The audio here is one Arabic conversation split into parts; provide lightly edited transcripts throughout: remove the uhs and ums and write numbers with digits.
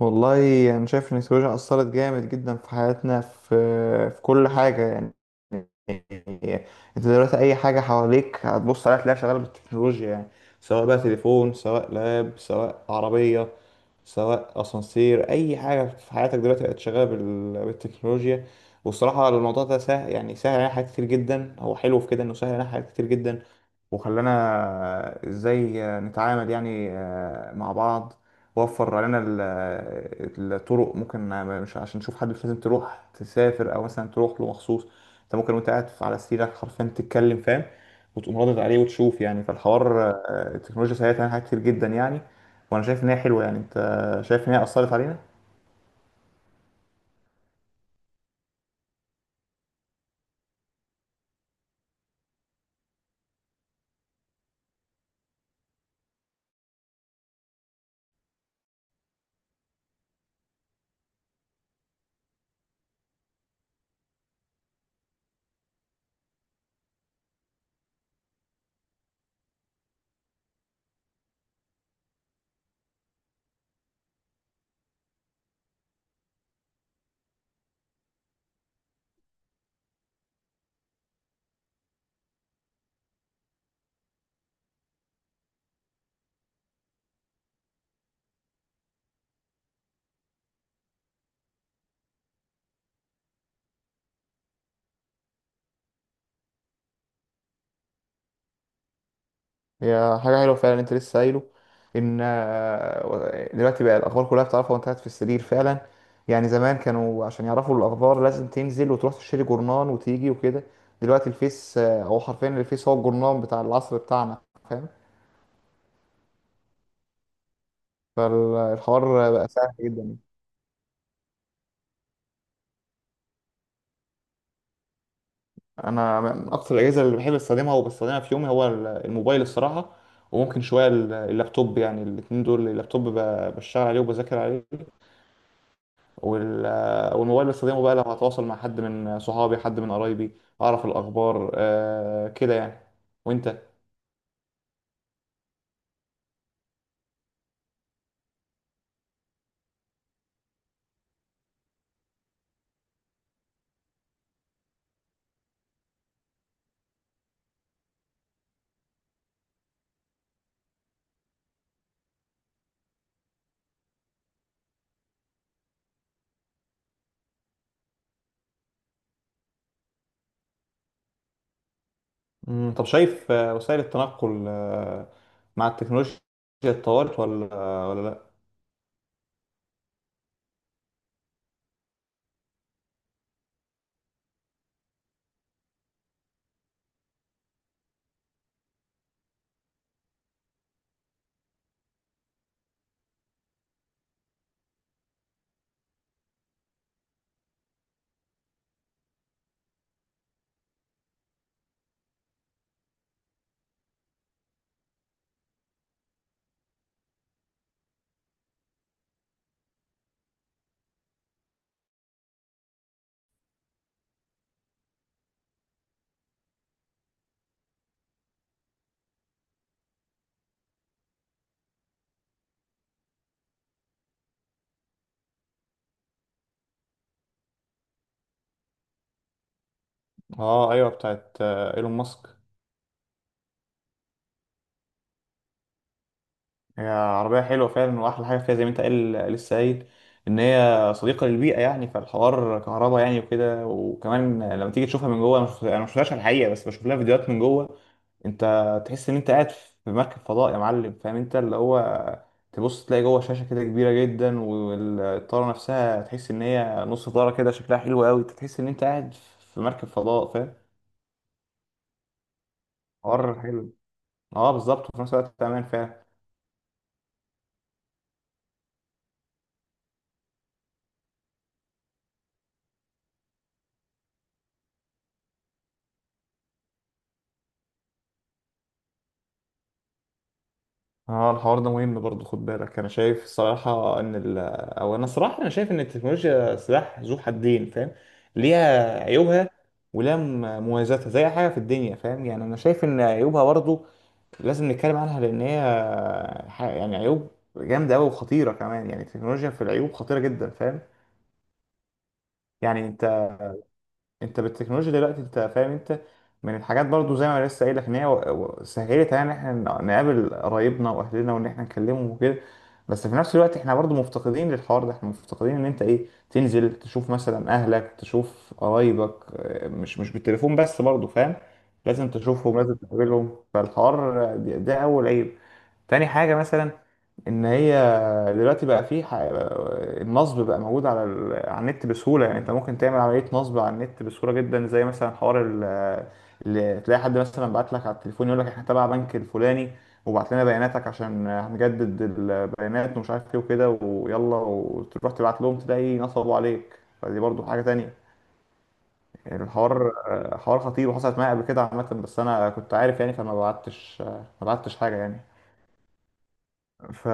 والله انا يعني شايف ان التكنولوجيا اثرت جامد جدا في حياتنا، في كل حاجه يعني. انت دلوقتي اي حاجه حواليك هتبص عليها تلاقيها شغاله بالتكنولوجيا يعني. سواء بقى تليفون، سواء لاب، سواء عربيه، سواء اسانسير، اي حاجه في حياتك دلوقتي بقت شغاله بالتكنولوجيا. والصراحه الموضوع ده سهل، يعني سهل علينا حاجات كتير جدا، هو حلو في كده انه سهل علينا حاجات كتير جدا. وخلانا ازاي نتعامل يعني مع بعض. وفر علينا الطرق ممكن، مش عشان نشوف حد، مش لازم تروح تسافر او مثلا تروح له مخصوص. انت ممكن وانت قاعد على سريرك حرفيا تتكلم، فاهم؟ وتقوم ردد عليه وتشوف يعني. فالحوار التكنولوجيا ساعدتنا على حاجات كتير جدا يعني. وانا شايف ان هي حلوه يعني. انت شايف ان هي اثرت علينا. هي حاجة حلوة فعلا. انت لسه قايله ان دلوقتي بقى الاخبار كلها بتعرفها وانت قاعد في السرير فعلا. يعني زمان كانوا عشان يعرفوا الاخبار لازم تنزل وتروح تشتري جورنان وتيجي وكده. دلوقتي الفيس هو حرفيا الفيس هو الجورنان بتاع العصر بتاعنا، فاهم؟ فالحوار بقى سهل جدا يعني. انا من اكتر الاجهزة اللي بحب استخدمها وبستخدمها في يومي هو الموبايل الصراحة. وممكن شوية اللابتوب. يعني الاتنين دول، اللابتوب بشتغل عليه وبذاكر عليه وال... والموبايل بستخدمه بقى لو هتواصل مع حد من صحابي، حد من قرايبي، اعرف الاخبار آه كده يعني. وانت؟ طب شايف وسائل التنقل آه مع التكنولوجيا اتطورت ولا لا؟ اه ايوه، بتاعت ايلون ماسك. هي عربية حلوة فعلا. وأحلى حاجة فيها زي ما أنت قال لسه قايل إن هي صديقة للبيئة يعني. فالحوار كهرباء يعني وكده. وكمان لما تيجي تشوفها من جوه، أنا ما شفتهاش على الحقيقة، بس بشوف لها فيديوهات من جوه. أنت تحس إن أنت قاعد في مركب فضاء يا معلم، فاهم؟ أنت اللي هو تبص تلاقي جوه شاشة كده كبيرة جدا، والطارة نفسها تحس إن هي نص طارة كده، شكلها حلو أوي، تحس إن أنت قاعد في مركب فضاء، فاهم؟ حوار حلو. أه بالظبط، وفي نفس الوقت أمان فعلا. اه، الحوار ده مهم برضه، خد بالك. انا شايف الصراحه او انا صراحه انا شايف ان التكنولوجيا سلاح ذو حدين، فاهم؟ ليها عيوبها، ولها مميزاتها زي أي حاجه في الدنيا، فاهم؟ يعني انا شايف ان عيوبها برضه لازم نتكلم عنها، لان هي يعني عيوب جامده قوي وخطيره كمان. يعني التكنولوجيا في العيوب خطيره جدا، فاهم؟ يعني انت بالتكنولوجيا دلوقتي، انت فاهم؟ انت من الحاجات برضو زي ما انا لسه قايل لك ان هي سهلت علينا ان احنا نقابل قرايبنا واهلنا وان احنا نكلمهم وكده. بس في نفس الوقت احنا برضو مفتقدين للحوار ده. احنا مفتقدين ان انت ايه تنزل تشوف مثلا اهلك، تشوف قرايبك، مش بالتليفون بس برضو، فاهم؟ لازم تشوفهم، لازم تقابلهم. فالحوار ده اول عيب. تاني حاجة مثلا ان هي دلوقتي بقى فيه النصب بقى موجود على على النت بسهولة. يعني انت ممكن تعمل عملية نصب على النت بسهولة جدا، زي مثلا اللي تلاقي حد مثلا بعت لك على التليفون يقول لك احنا تبع بنك الفلاني، وبعت لنا بياناتك عشان هنجدد البيانات ومش عارف ايه وكده، ويلا وتروح تبعت لهم تلاقي نصبوا عليك. فدي برضو حاجة تانية. يعني الحوار حوار خطير، وحصلت معايا قبل كده عامة، بس انا كنت عارف يعني، فما بعتش، ما بعتش حاجة يعني. ف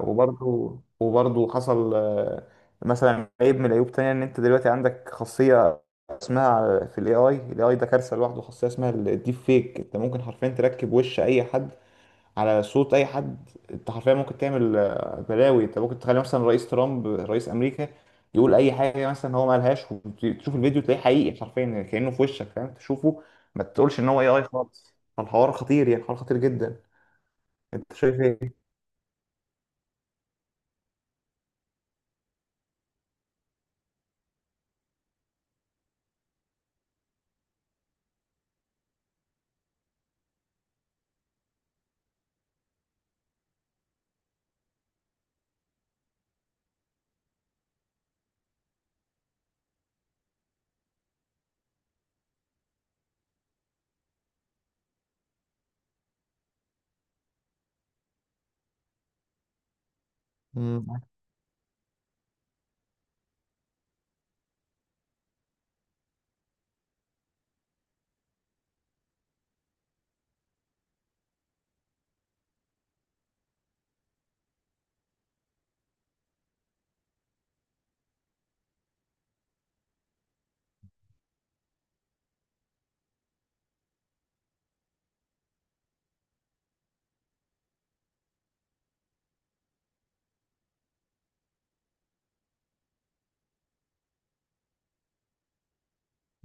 وبرضه حصل مثلا عيب من العيوب تانية، ان انت دلوقتي عندك خاصية اسمها في الاي اي، الاي اي ده كارثة لوحده، خاصية اسمها الديب فيك. انت ممكن حرفيا تركب وش اي حد على صوت اي حد. انت حرفيا ممكن تعمل بلاوي. انت ممكن تخلي مثلا رئيس ترامب رئيس امريكا يقول اي حاجة مثلا هو ما قالهاش، وتشوف الفيديو تلاقيه حقيقي حرفيا كأنه في وشك، فاهم؟ تشوفه ما تقولش ان هو AI خالص. فالحوار خطير، يعني الحوار خطير جدا. انت شايف ايه؟ مم.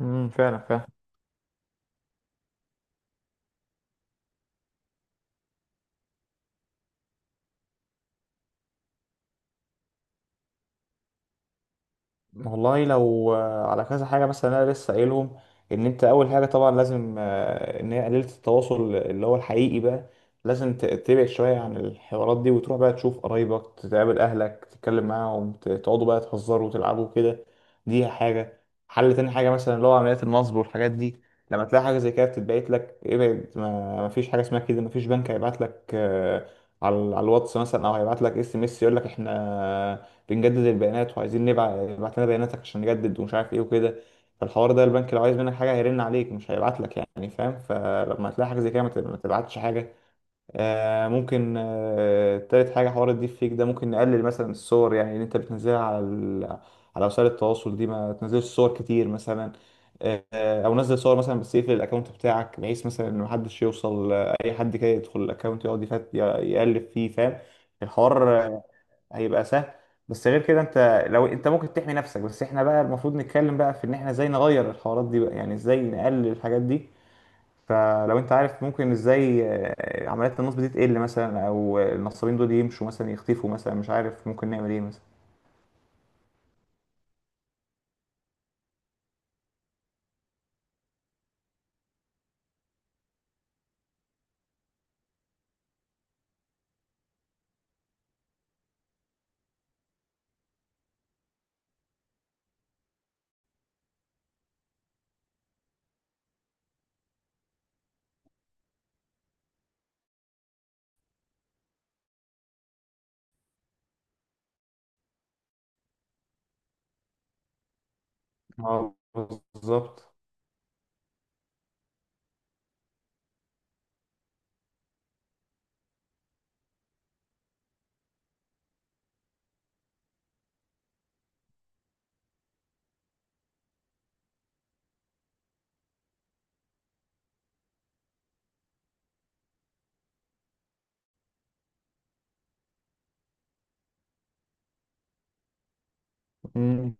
امم، فعلا فعلا. والله لو على كذا حاجه، مثلا انا لسه قايلهم ان انت اول حاجه طبعا لازم ان هي قليله التواصل اللي هو الحقيقي بقى. لازم تبعد شويه عن الحوارات دي، وتروح بقى تشوف قرايبك، تقابل اهلك، تتكلم معاهم، تقعدوا بقى تهزروا وتلعبوا كده. دي حاجه حل. تاني حاجه مثلا اللي هو عمليات النصب والحاجات دي. لما تلاقي حاجه زي كده بتتبعت لك، ابعد. ما فيش حاجه اسمها كده. ما فيش بنك هيبعت لك على الواتس مثلا، او هيبعت لك SMS يقول لك احنا بنجدد البيانات وعايزين نبعت، ابعت لنا بياناتك عشان نجدد ومش عارف ايه وكده. فالحوار ده البنك لو عايز منك حاجه هيرن عليك، مش هيبعت لك، يعني فاهم؟ فلما تلاقي حاجه زي كده ما تبعتش حاجه. آه ممكن، تالت حاجه حوار الديب فيك ده، ممكن نقلل مثلا الصور يعني اللي انت بتنزلها على على وسائل التواصل دي. ما تنزلش صور كتير مثلا، او نزل صور مثلا، بس يقفل الاكونت بتاعك، بحيث مثلا ان محدش يوصل، اي حد كده يدخل الاكونت يقعد يفت يقلب فيه، فاهم؟ الحوار هيبقى سهل. بس غير كده انت لو انت ممكن تحمي نفسك. بس احنا بقى المفروض نتكلم بقى في ان احنا ازاي نغير الحوارات دي بقى، يعني ازاي نقلل الحاجات دي. فلو انت عارف ممكن ازاي عمليات النصب دي تقل مثلا، او النصابين دول يمشوا مثلا، يختفوا مثلا، مش عارف ممكن نعمل ايه مثلا. اه بالظبط. امم.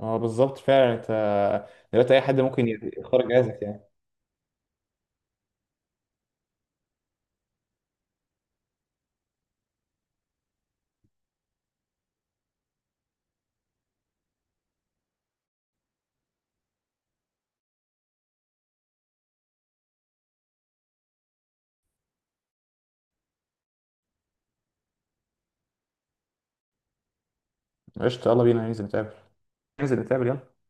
اه بالظبط فعلا. انت دلوقتي اي حد ممكن يختار جهازك يعني. قشطة، يلا بينا ننزل نتقابل، ننزل نتقابل يلا.